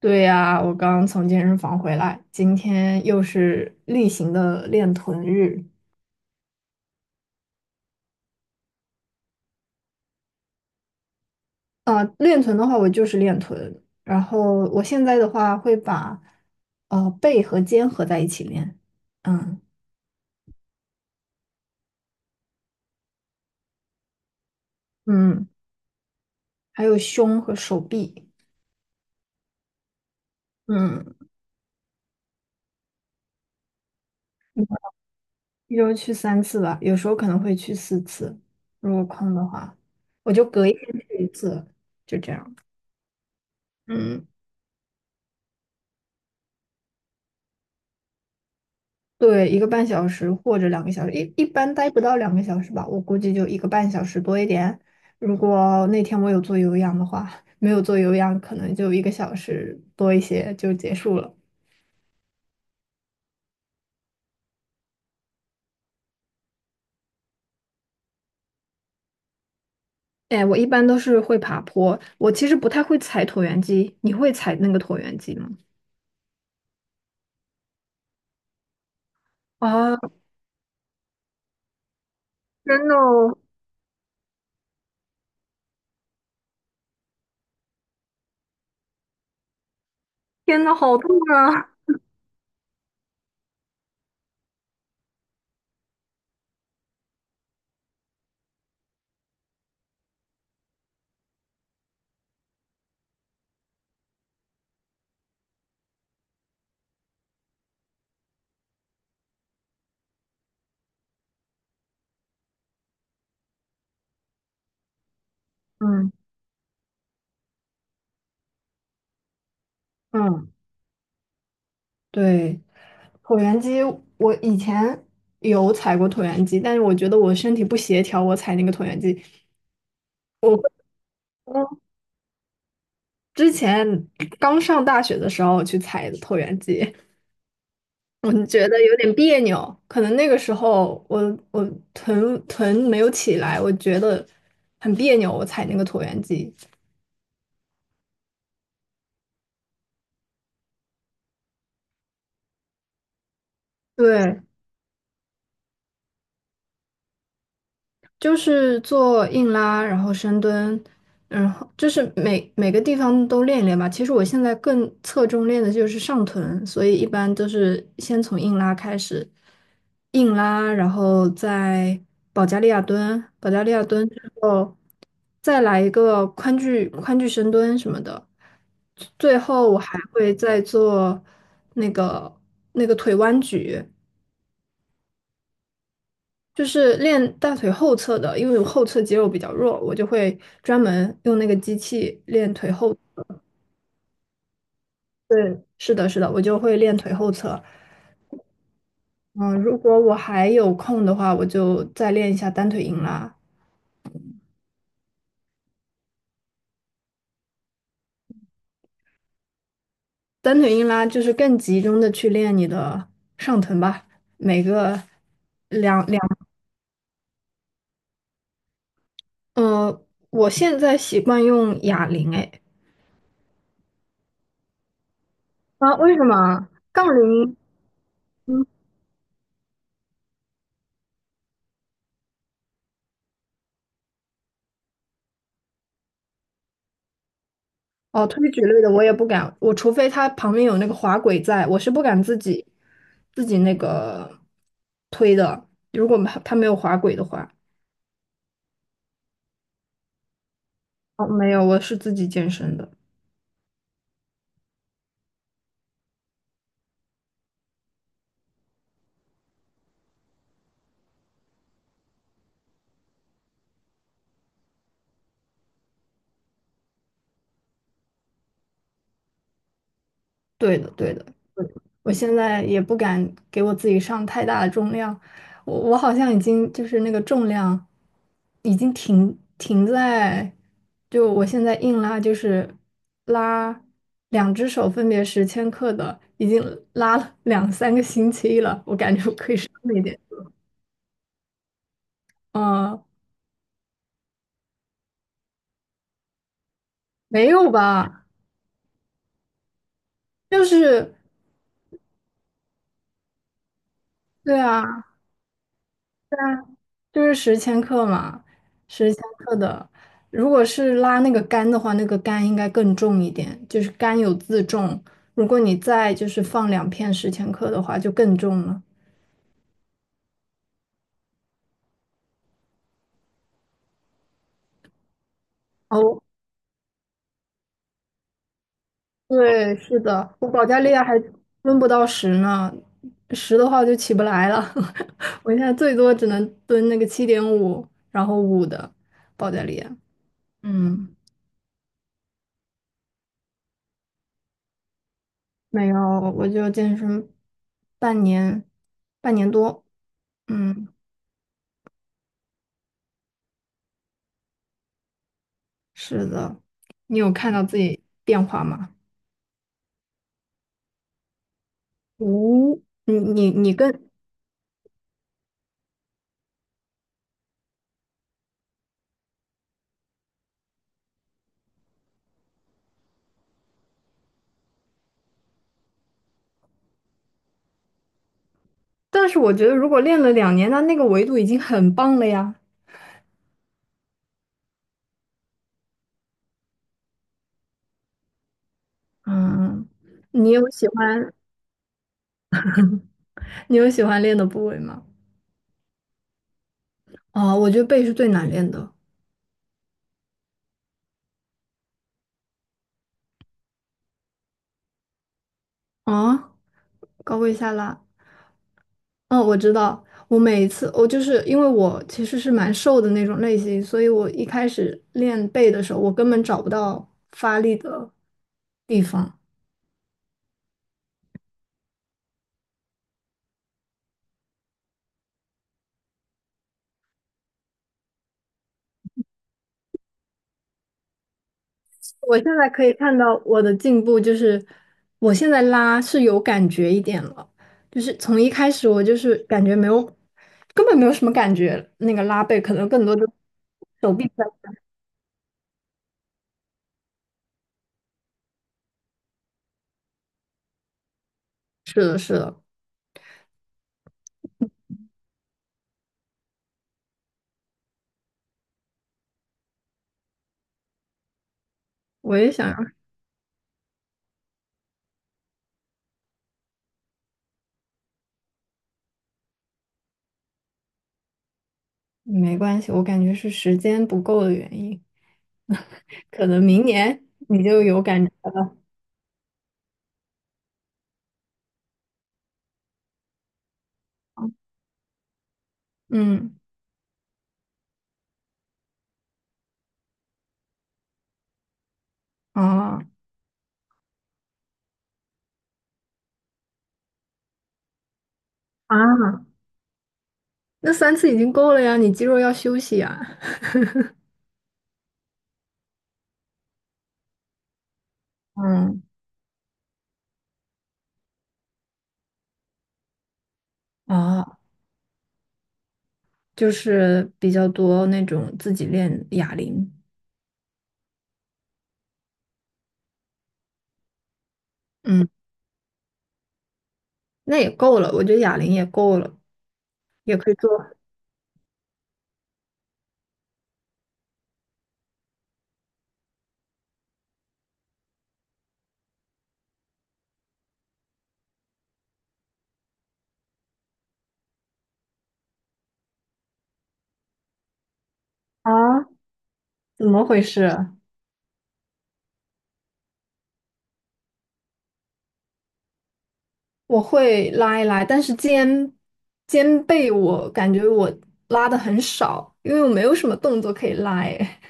对呀，我刚刚从健身房回来，今天又是例行的练臀日。啊、练臀的话，我就是练臀，然后我现在的话会把背和肩合在一起练。嗯嗯，还有胸和手臂。嗯，一周去三次吧，有时候可能会去4次，如果空的话，我就隔一天去一次，就这样。嗯，对，一个半小时或者两个小时，一般待不到两个小时吧，我估计就一个半小时多一点。如果那天我有做有氧的话，没有做有氧，可能就1个小时多一些就结束了。哎，我一般都是会爬坡，我其实不太会踩椭圆机，你会踩那个椭圆机吗？啊，真的哦，天呐，好痛啊！嗯嗯，对，椭圆机我以前有踩过椭圆机，但是我觉得我身体不协调，我踩那个椭圆机。我。我之前刚上大学的时候去采的椭圆机，我就觉得有点别扭，可能那个时候我臀没有起来，我觉得很别扭，我踩那个椭圆机。对，就是做硬拉，然后深蹲，然后就是每个地方都练一练吧。其实我现在更侧重练的就是上臀，所以一般都是先从硬拉开始，硬拉，然后再保加利亚蹲，保加利亚蹲之后再来一个宽距深蹲什么的，最后我还会再做那个那个腿弯举。就是练大腿后侧的，因为我后侧肌肉比较弱，我就会专门用那个机器练腿后。对，是的，是的，我就会练腿后侧。嗯，如果我还有空的话，我就再练一下单腿硬拉。单腿硬拉就是更集中的去练你的上臀吧，每个两，呃，我现在习惯用哑铃，哎，啊，为什么？杠铃？哦，推举类的我也不敢，我除非它旁边有那个滑轨在，我是不敢自己那个推的。如果它没有滑轨的话，哦，没有，我是自己健身的。对的，对的。我现在也不敢给我自己上太大的重量，我好像已经就是那个重量已经停在，就我现在硬拉就是拉两只手分别十千克的，已经拉了两三个星期了，我感觉我可以上一点。嗯，没有吧？就是对啊。就是十千克嘛，十千克的。如果是拉那个杆的话，那个杆应该更重一点，就是杆有自重。如果你再就是放两片十千克的话，就更重了。哦，对，是的，我保加利亚还蹲不到十呢，十的话我就起不来了。我现在最多只能蹲那个7.5，然后五的保加利亚。嗯，没有，我就健身半年，半年多。嗯。是的，你有看到自己变化吗？无、你跟，但是我觉得如果练了2年，那那个维度已经很棒了呀。嗯，你有喜欢你有喜欢练的部位吗？哦，我觉得背是最难练的。啊，高位下拉。嗯，我知道。我每一次，我就是因为我其实是蛮瘦的那种类型，所以我一开始练背的时候，我根本找不到发力的地方。我现在可以看到我的进步，就是我现在拉是有感觉一点了，就是从一开始我就是感觉没有，根本没有什么感觉，那个拉背可能更多的手臂在。是的，是的，我也想要，没关系，我感觉是时间不够的原因，可能明年你就有感觉嗯，哦啊，那三次已经够了呀，你肌肉要休息呀。嗯，哦。就是比较多那种自己练哑铃，嗯，那也够了，我觉得哑铃也够了，也可以做啊？怎么回事？我会拉一拉，但是肩背我感觉我拉的很少，因为我没有什么动作可以拉，哎，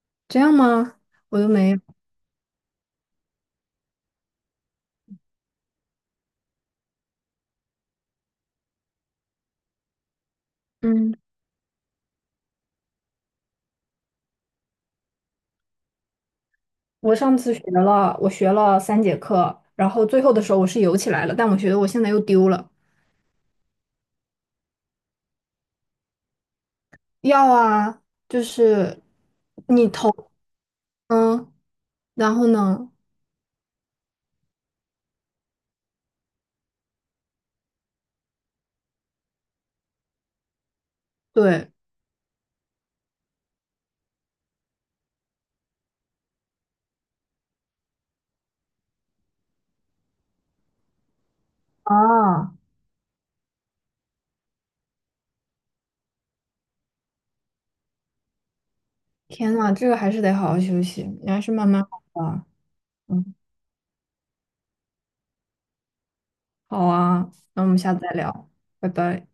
这样吗？我都没有。嗯，我上次学了，我学了3节课，然后最后的时候我是游起来了，但我觉得我现在又丢了。要啊，就是你头，嗯，然后呢，对，啊，天呐，这个还是得好好休息，你还是慢慢好吧。嗯，好啊，那我们下次再聊，拜拜。